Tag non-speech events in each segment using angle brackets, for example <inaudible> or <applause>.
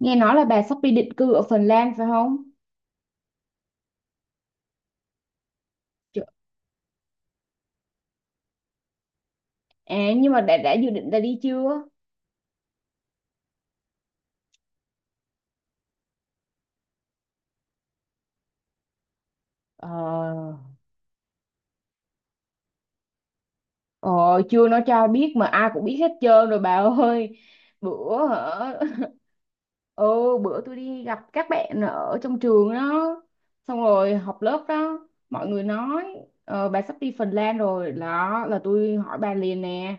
Nghe nói là bà sắp đi định cư ở Phần Lan phải không? Chưa- À nhưng mà đã dự định ra đi chưa? Ờ, ờ Chưa nó cho ai biết mà ai cũng biết hết trơn rồi bà ơi. Bữa hả? <laughs> Ừ, bữa tôi đi gặp các bạn ở trong trường đó, xong rồi học lớp đó, mọi người nói bà sắp đi Phần Lan rồi đó là tôi hỏi bà liền nè.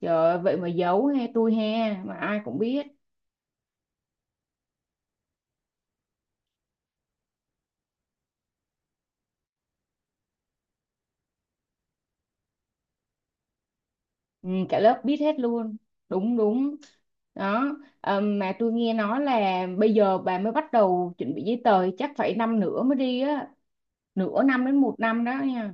Trời ơi, vậy mà giấu he tôi he mà ai cũng biết. Ừ, cả lớp biết hết luôn. Đúng đúng đó. Mà tôi nghe nói là bây giờ bà mới bắt đầu chuẩn bị giấy tờ chắc phải năm nữa mới đi á, nửa năm đến một năm đó nha.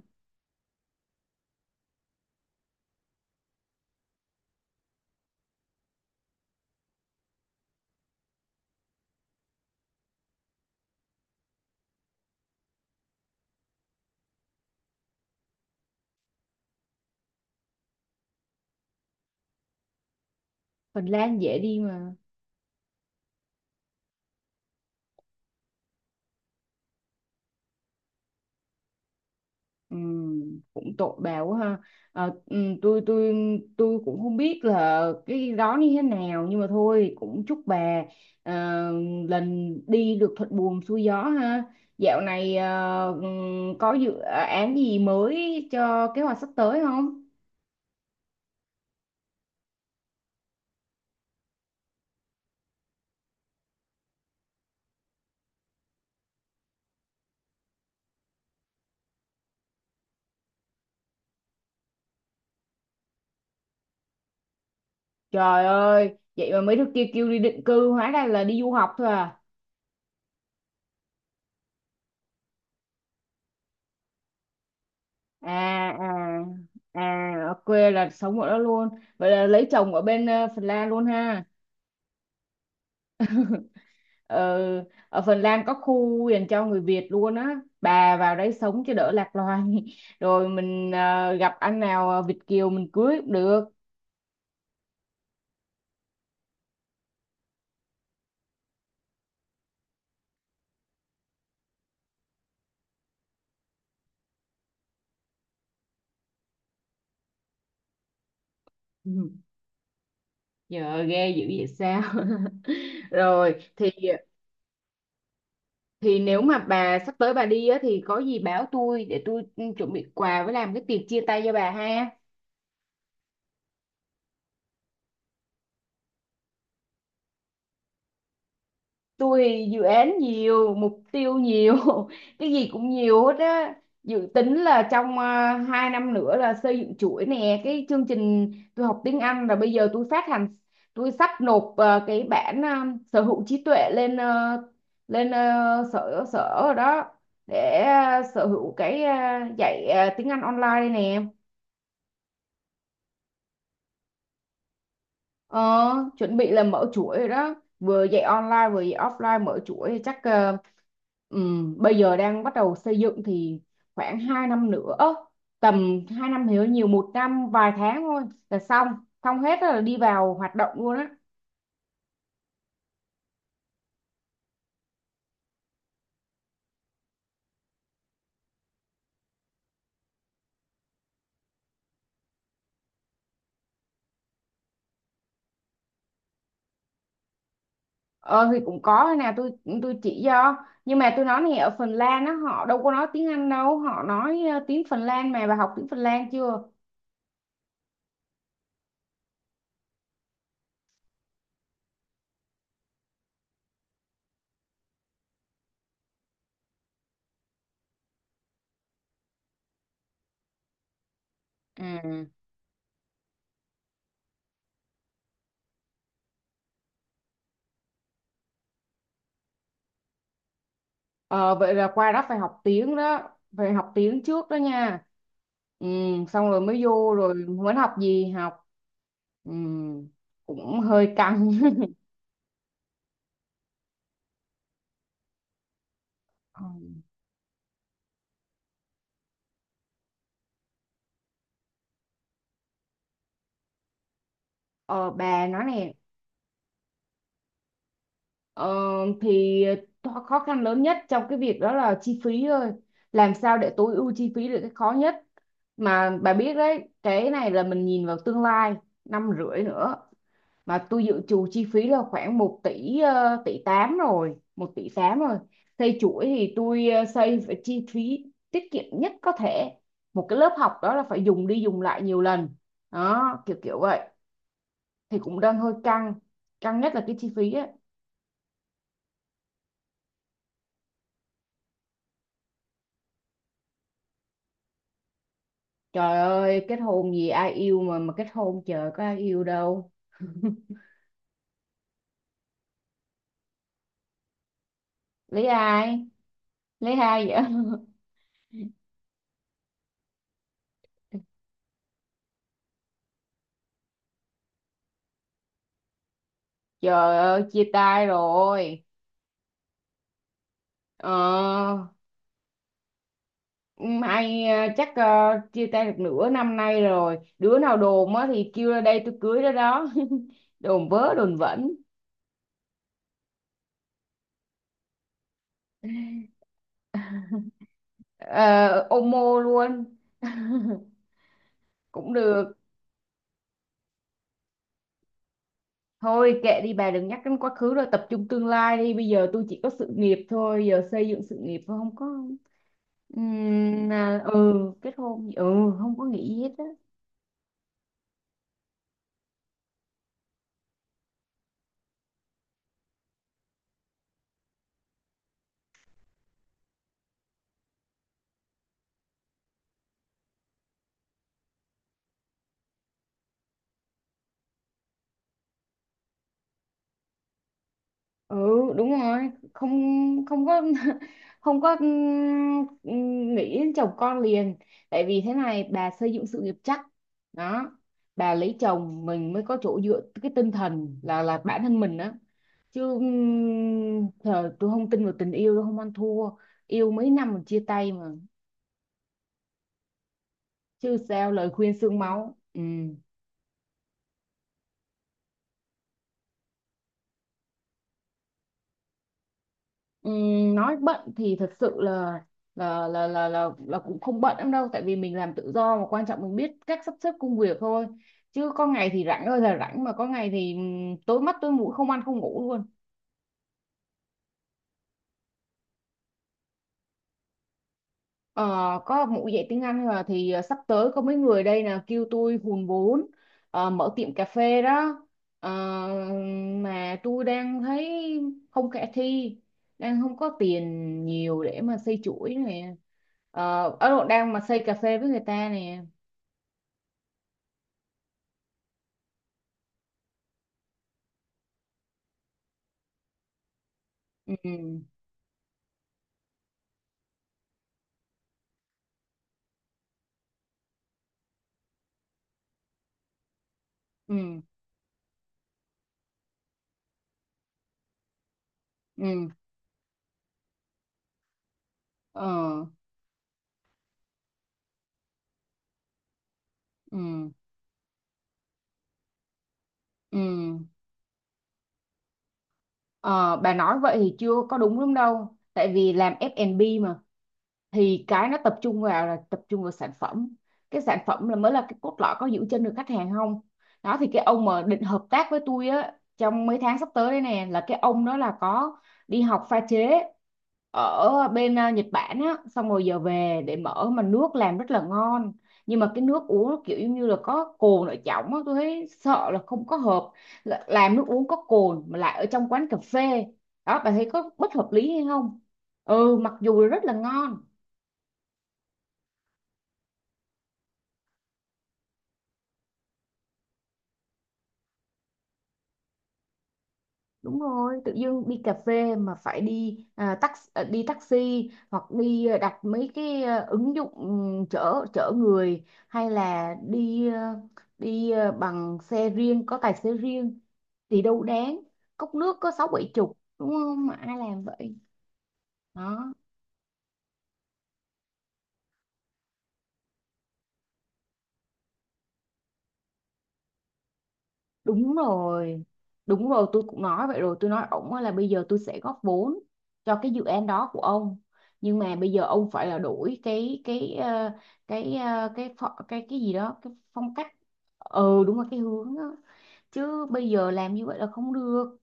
Phần Lan dễ đi mà. Ừ, cũng tội bà quá ha. Ờ, ừ, tôi tôi cũng không biết là cái đó như thế nào, nhưng mà thôi cũng chúc bà ờ, lần đi được thuận buồm xuôi gió ha. Dạo này có dự án gì mới cho kế hoạch sắp tới không? Trời ơi, vậy mà mấy đứa kia kêu đi định cư, hóa ra là đi du học thôi à. À, à, à, ở quê là sống ở đó luôn. Vậy là lấy chồng ở bên Phần Lan luôn ha. Ờ, ở Phần Lan có khu dành cho người Việt luôn á. Bà vào đấy sống cho đỡ lạc loài. <laughs> Rồi mình gặp anh nào Việt kiều mình cưới cũng được. Ừ, giờ ghê dữ vậy sao? <laughs> Rồi thì thì nếu mà bà sắp tới bà đi á thì có gì báo tôi để tôi chuẩn bị quà với làm cái tiệc chia tay cho bà ha. Tôi dự án nhiều, mục tiêu nhiều. <laughs> Cái gì cũng nhiều hết á. Dự tính là trong 2 năm nữa là xây dựng chuỗi nè, cái chương trình tôi học tiếng Anh là bây giờ tôi phát hành. Tôi sắp nộp cái bản sở hữu trí tuệ lên sở sở rồi đó, để sở hữu cái dạy tiếng Anh online đây nè. Ờ, chuẩn bị là mở chuỗi rồi đó, vừa dạy online vừa dạy offline, mở chuỗi chắc bây giờ đang bắt đầu xây dựng thì khoảng 2 năm nữa, tầm 2 năm thì hơi nhiều, 1 năm vài tháng thôi là xong. Xong hết rồi là đi vào hoạt động luôn á. Ờ thì cũng có, thế nào tôi chỉ cho, nhưng mà tôi nói này, ở Phần Lan á họ đâu có nói tiếng Anh đâu, họ nói tiếng Phần Lan, mà bà học tiếng Phần Lan chưa? Ừ. Ờ, vậy là qua đó phải học tiếng đó, phải học tiếng trước đó nha. ừ, Xong rồi mới vô rồi muốn học gì học. Ừ, cũng hơi căng. <laughs> Ờ, ờ, bà nói nè, ờ, thì khó khăn lớn nhất trong cái việc đó là chi phí thôi. Làm sao để tối ưu chi phí là cái khó nhất. Mà bà biết đấy, cái này là mình nhìn vào tương lai năm rưỡi nữa, mà tôi dự trù chi phí là khoảng 1 tỷ, tỷ 8 rồi, 1,8 tỷ rồi. Xây chuỗi thì tôi xây phải chi phí tiết kiệm nhất có thể, một cái lớp học đó là phải dùng đi dùng lại nhiều lần đó, kiểu kiểu vậy. Thì cũng đang hơi căng, căng nhất là cái chi phí á. Trời ơi, kết hôn gì, ai yêu mà kết hôn, trời, có ai yêu đâu. Lấy ai? Lấy ai vậy? <laughs> Trời ơi, chia tay rồi. ờ Mai chắc chia tay được nửa năm nay rồi. Đứa nào đồn á thì kêu ra đây tôi cưới đó đó. <laughs> Đồn vớ đồn vẩn. Ờ, ôm mô luôn. Cũng được. Thôi kệ đi bà, đừng nhắc đến quá khứ, rồi tập trung tương lai đi. Bây giờ tôi chỉ có sự nghiệp thôi. Giờ xây dựng sự nghiệp thôi, không có ừ kết hôn, ừ, không có nghĩ gì hết á. Ừ, đúng rồi, không, không có. <laughs> Không có, nghĩ đến chồng con liền. Tại vì thế này, bà xây dựng sự nghiệp chắc đó, bà lấy chồng mình mới có chỗ dựa cái tinh thần là bản thân mình đó. Chứ thờ tôi không tin vào tình yêu, tôi không ăn thua. Yêu mấy năm mà chia tay mà. Chứ sao, lời khuyên xương máu. Ừ. Nói bận thì thật sự là là cũng không bận lắm đâu, tại vì mình làm tự do mà, quan trọng mình biết cách sắp xếp công việc thôi. Chứ có ngày thì rảnh ơi là rảnh, mà có ngày thì tối mắt tối mũi, không ăn không ngủ luôn. ờ, có một, dạy tiếng Anh là thì sắp tới có mấy người đây là kêu tôi hùn vốn mở tiệm cà phê đó. Ờ, mà tôi đang thấy không khả thi, đang không có tiền nhiều để mà xây chuỗi này. Ờ, Ấn Độ đang mà xây cà phê với người ta nè. Ừ. Ừ. Ừ. Ờ. Ừ. Ừ. Ờ, bà nói vậy thì chưa có đúng lắm đâu, tại vì làm F&B thì cái nó tập trung vào, là tập trung vào sản phẩm, cái sản phẩm là mới là cái cốt lõi, có giữ chân được khách hàng không. Đó thì cái ông mà định hợp tác với tôi á trong mấy tháng sắp tới đây nè, là cái ông đó là có đi học pha chế ở bên Nhật Bản á, xong rồi giờ về để mở mà nước làm rất là ngon, nhưng mà cái nước uống nó kiểu giống như là có cồn ở trong á, tôi thấy sợ là không có hợp. Làm nước uống có cồn mà lại ở trong quán cà phê, đó bạn thấy có bất hợp lý hay không? Ừ, mặc dù là rất là ngon. Đúng rồi, tự dưng đi cà phê mà phải đi đi taxi, hoặc đi đặt mấy cái ứng dụng, ừ, chở chở người, hay là đi bằng xe riêng có tài xế riêng thì đâu đáng. Cốc nước có sáu bảy chục, đúng không, mà ai làm vậy đó. Đúng rồi. Đúng rồi, tôi cũng nói vậy rồi. Tôi nói ổng á là bây giờ tôi sẽ góp vốn cho cái dự án đó của ông. Nhưng mà bây giờ ông phải là đổi cái cái gì đó, cái phong cách. Ừ, đúng là cái hướng đó. Chứ bây giờ làm như vậy là không được.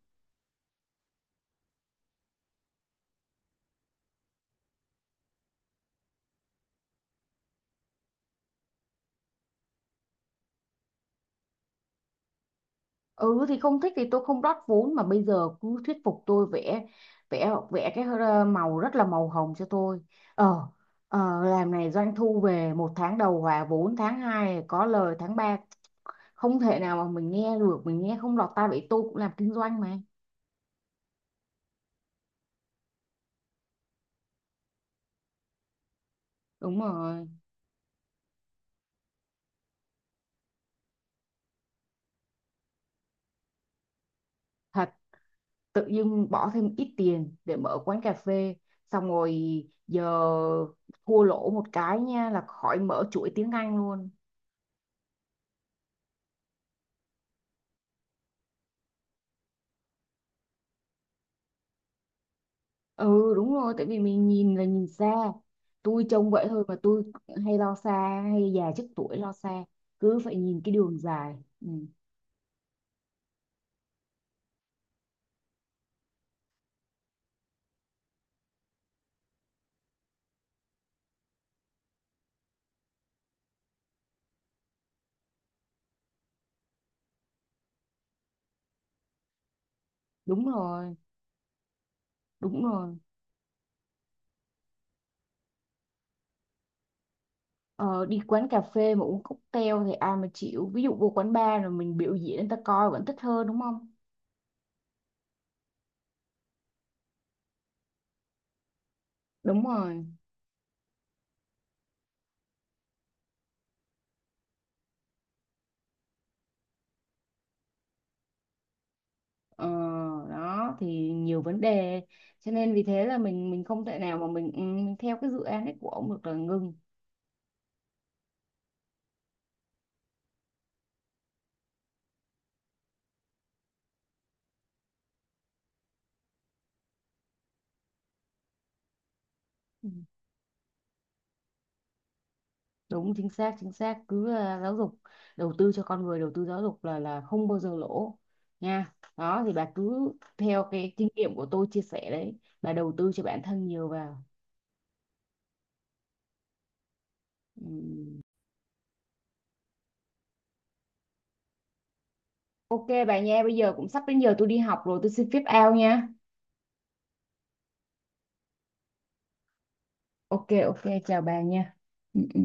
Ừ, thì không thích thì tôi không rót vốn, mà bây giờ cứ thuyết phục tôi, vẽ vẽ vẽ cái màu rất là màu hồng cho tôi. Ờ. Ờ, làm này doanh thu về một tháng đầu hòa vốn, tháng 2 có lời, tháng 3. Không thể nào mà mình nghe được, mình nghe không lọt tai, vậy tôi cũng làm kinh doanh mà. Đúng rồi. Thật, tự dưng bỏ thêm ít tiền để mở quán cà phê, xong rồi giờ thua lỗ một cái nha là khỏi mở chuỗi tiếng Anh luôn. Ừ, đúng rồi, tại vì mình nhìn là nhìn xa, tôi trông vậy thôi mà tôi hay lo xa, hay già trước tuổi lo xa, cứ phải nhìn cái đường dài. Ừ, đúng rồi, đúng rồi. Ờ, đi quán cà phê mà uống cocktail thì ai mà chịu, ví dụ vô quán bar rồi mình biểu diễn người ta coi vẫn thích hơn, đúng không? Đúng rồi, ờ, đó thì nhiều vấn đề, cho nên vì thế là mình không thể nào mà mình, ừ, mình theo cái dự án ấy của ông được, là ngưng. Ừ, đúng, chính xác, chính xác, cứ giáo dục, đầu tư cho con người, đầu tư giáo dục là không bao giờ lỗ nha. Đó thì bà cứ theo cái kinh nghiệm của tôi chia sẻ đấy, bà đầu tư cho bản thân nhiều vào. Ừ. Ok bà nha, bây giờ cũng sắp đến giờ tôi đi học rồi, tôi xin phép out nha. Ok, ok, chào bà nha. Ừ, ừ.